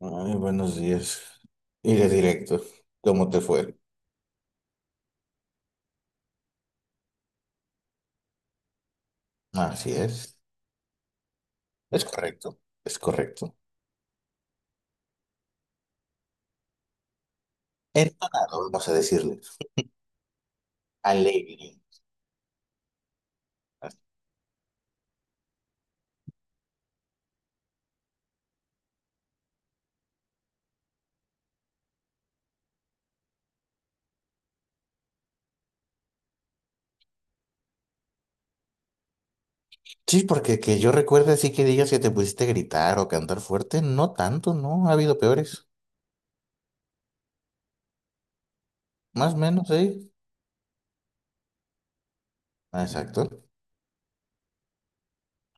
Ay, buenos días. Y de directo, ¿cómo te fue? Así es. Es correcto, es correcto. Entonado, vamos a decirle. Alegre. Sí, porque que yo recuerde así que digas que te pusiste a gritar o cantar fuerte, no tanto, no, ha habido peores. Más o menos, sí. Ah, exacto.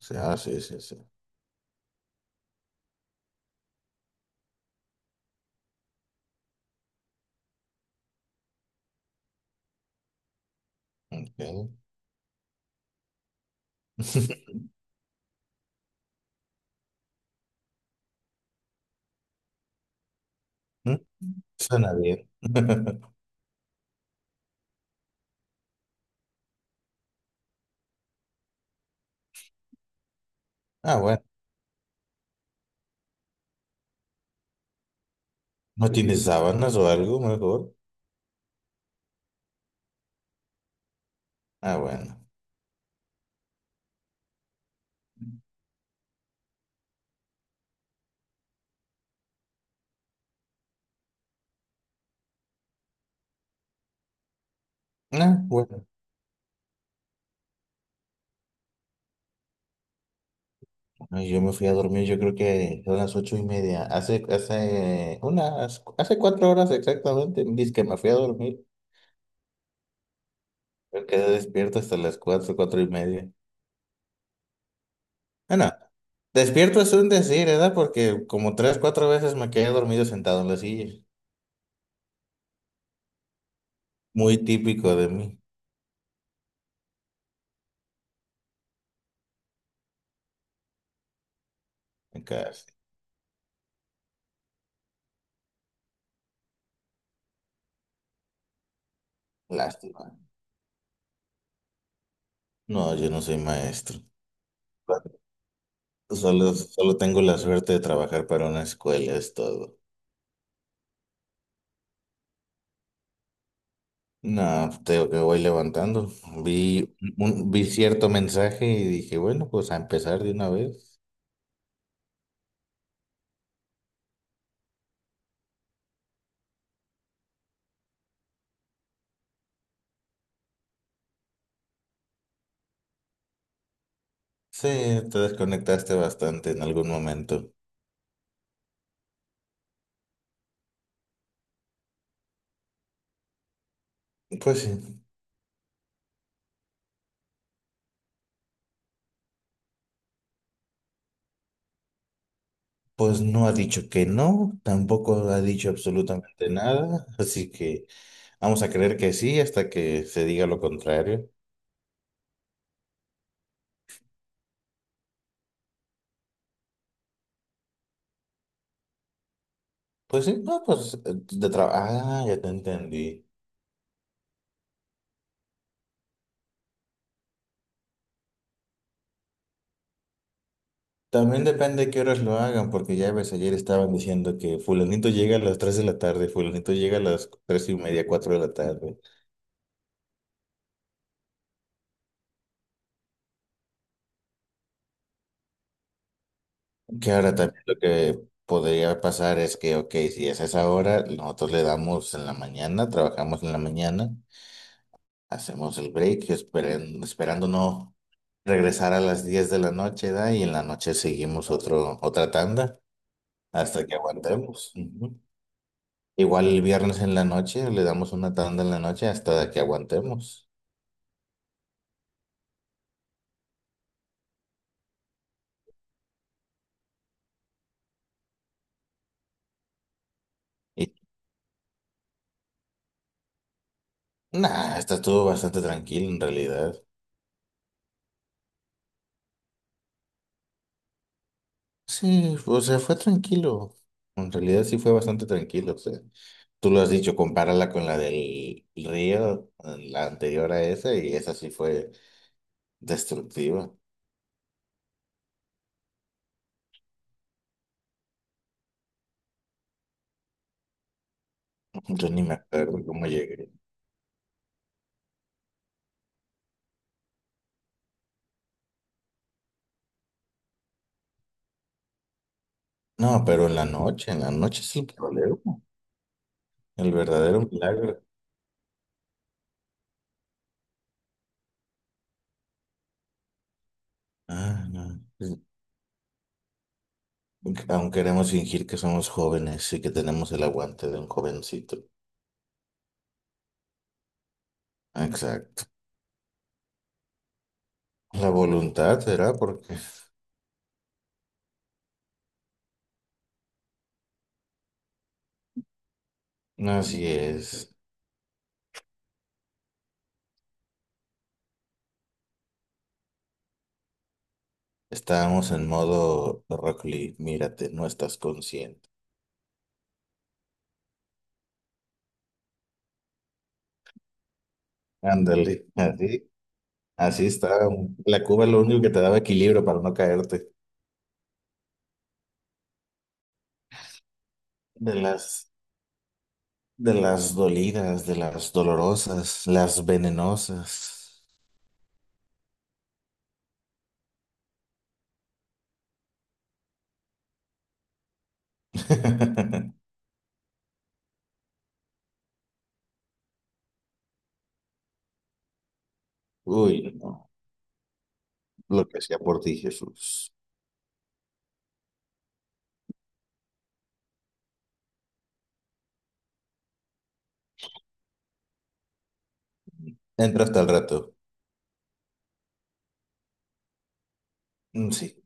O sea, sí, sí, sí. Ok. Mm, Suena bien. Ah, bueno. ¿No tienes sábanas o algo mejor? Ah, bueno. Ah, bueno. Ay, yo me fui a dormir, yo creo que son las 8:30. Hace 4 horas exactamente, dice que me fui a dormir. Yo quedé despierto hasta las 4:00, 4:30. Bueno, despierto es un decir, ¿verdad? Porque como tres, cuatro veces me quedé dormido sentado en la silla. Muy típico de mí. Acá, sí. Lástima. No, yo no soy maestro. Solo tengo la suerte de trabajar para una escuela, es todo. No, tengo que voy levantando. Vi cierto mensaje y dije, bueno, pues a empezar de una vez. Sí, te desconectaste bastante en algún momento. Pues sí, pues no ha dicho que no, tampoco ha dicho absolutamente nada, así que vamos a creer que sí hasta que se diga lo contrario. Pues sí, no, pues de trabajo. Ah, ya te entendí. También depende de qué horas lo hagan, porque ya ves, ayer estaban diciendo que fulanito llega a las 3 de la tarde, fulanito llega a las 3:30, 4 de la tarde. Que ahora también lo que podría pasar es que, ok, si es a esa hora, nosotros le damos en la mañana, trabajamos en la mañana, hacemos el break, esperando no regresar a las 10 de la noche, ¿da? Y en la noche seguimos otra tanda hasta que aguantemos. Ujú. Igual el viernes en la noche, le damos una tanda en la noche hasta que aguantemos. Nah, esta estuvo bastante tranquilo en realidad. Sí, o sea, fue tranquilo. En realidad sí fue bastante tranquilo. O sea, tú lo has dicho, compárala con la del río, la anterior a esa, y esa sí fue destructiva. Yo ni me acuerdo cómo llegué. No, pero en la noche es el problema, el verdadero milagro. Ah, no. Aún queremos fingir que somos jóvenes y que tenemos el aguante de un jovencito. Exacto. La voluntad será porque no, así es. Estábamos en modo Rock Lee, mírate, no estás consciente. Ándale, así, así está. La cuba lo único que te daba equilibrio para no caerte. De las, de las dolidas, de las dolorosas, las venenosas. Uy, no, lo que hacía por ti, Jesús. Entra hasta el rato. Mm, sí.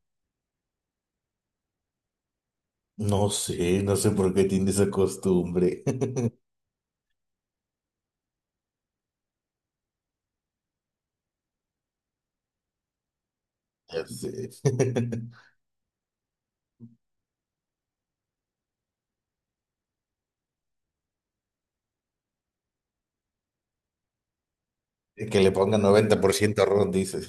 No sé, no sé por qué tiene esa costumbre. Ya sé. Que le ponga 90% ron, dices.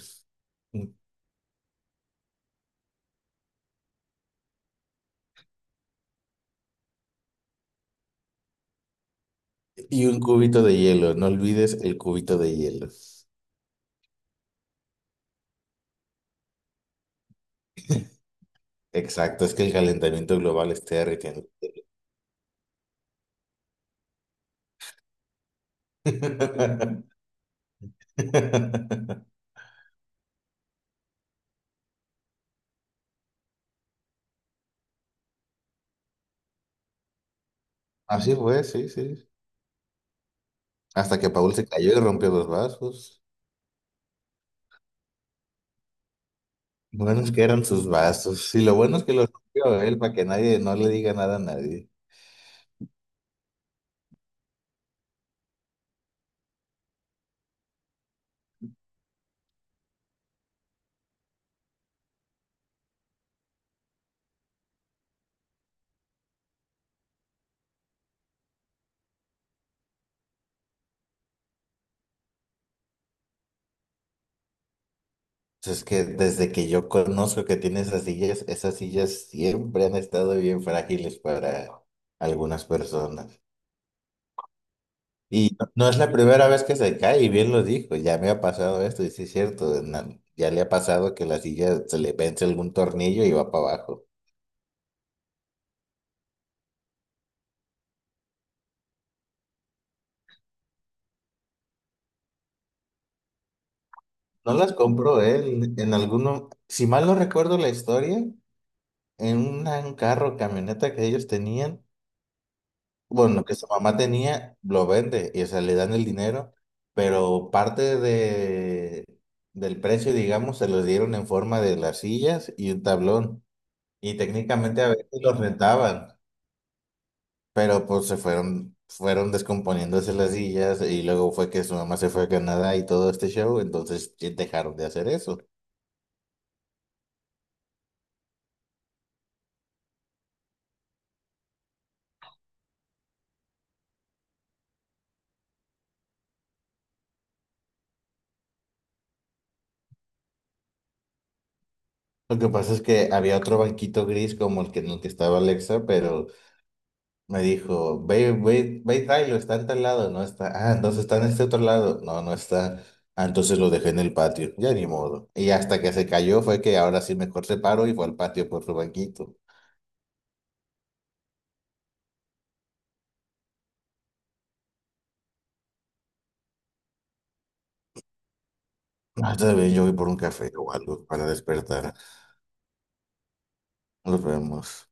Y un cubito de hielo, no olvides el cubito de hielo. Exacto, es que el calentamiento global está derritiendo. Así fue, sí, sí. Hasta que Paul se cayó y rompió los vasos. Buenos que eran sus vasos. Y lo bueno es que los rompió él para que nadie no le diga nada a nadie. Entonces, que desde que yo conozco que tiene esas sillas siempre han estado bien frágiles para algunas personas. Y no es la primera vez que se cae, y bien lo dijo, ya me ha pasado esto, y sí es cierto, ya le ha pasado que la silla se le vence algún tornillo y va para abajo. No las compró él, en alguno, si mal no recuerdo la historia, en un carro, camioneta que ellos tenían, bueno, que su mamá tenía, lo vende, y o sea, le dan el dinero, pero parte del precio, digamos, se los dieron en forma de las sillas y un tablón, y técnicamente a veces los rentaban. Pero pues fueron descomponiéndose las sillas y luego fue que su mamá se fue a Canadá y todo este show, entonces ya dejaron de hacer eso. Lo que pasa es que había otro banquito gris como el que en el que estaba Alexa, pero me dijo, ve, ve, ve y tráelo, está en tal lado, no está. Ah, entonces está en este otro lado. No, no está. Ah, entonces lo dejé en el patio, ya ni modo. Y hasta que se cayó fue que ahora sí mejor se paró y fue al patio por su banquito. Ah, está bien, yo voy por un café o algo para despertar. Nos vemos.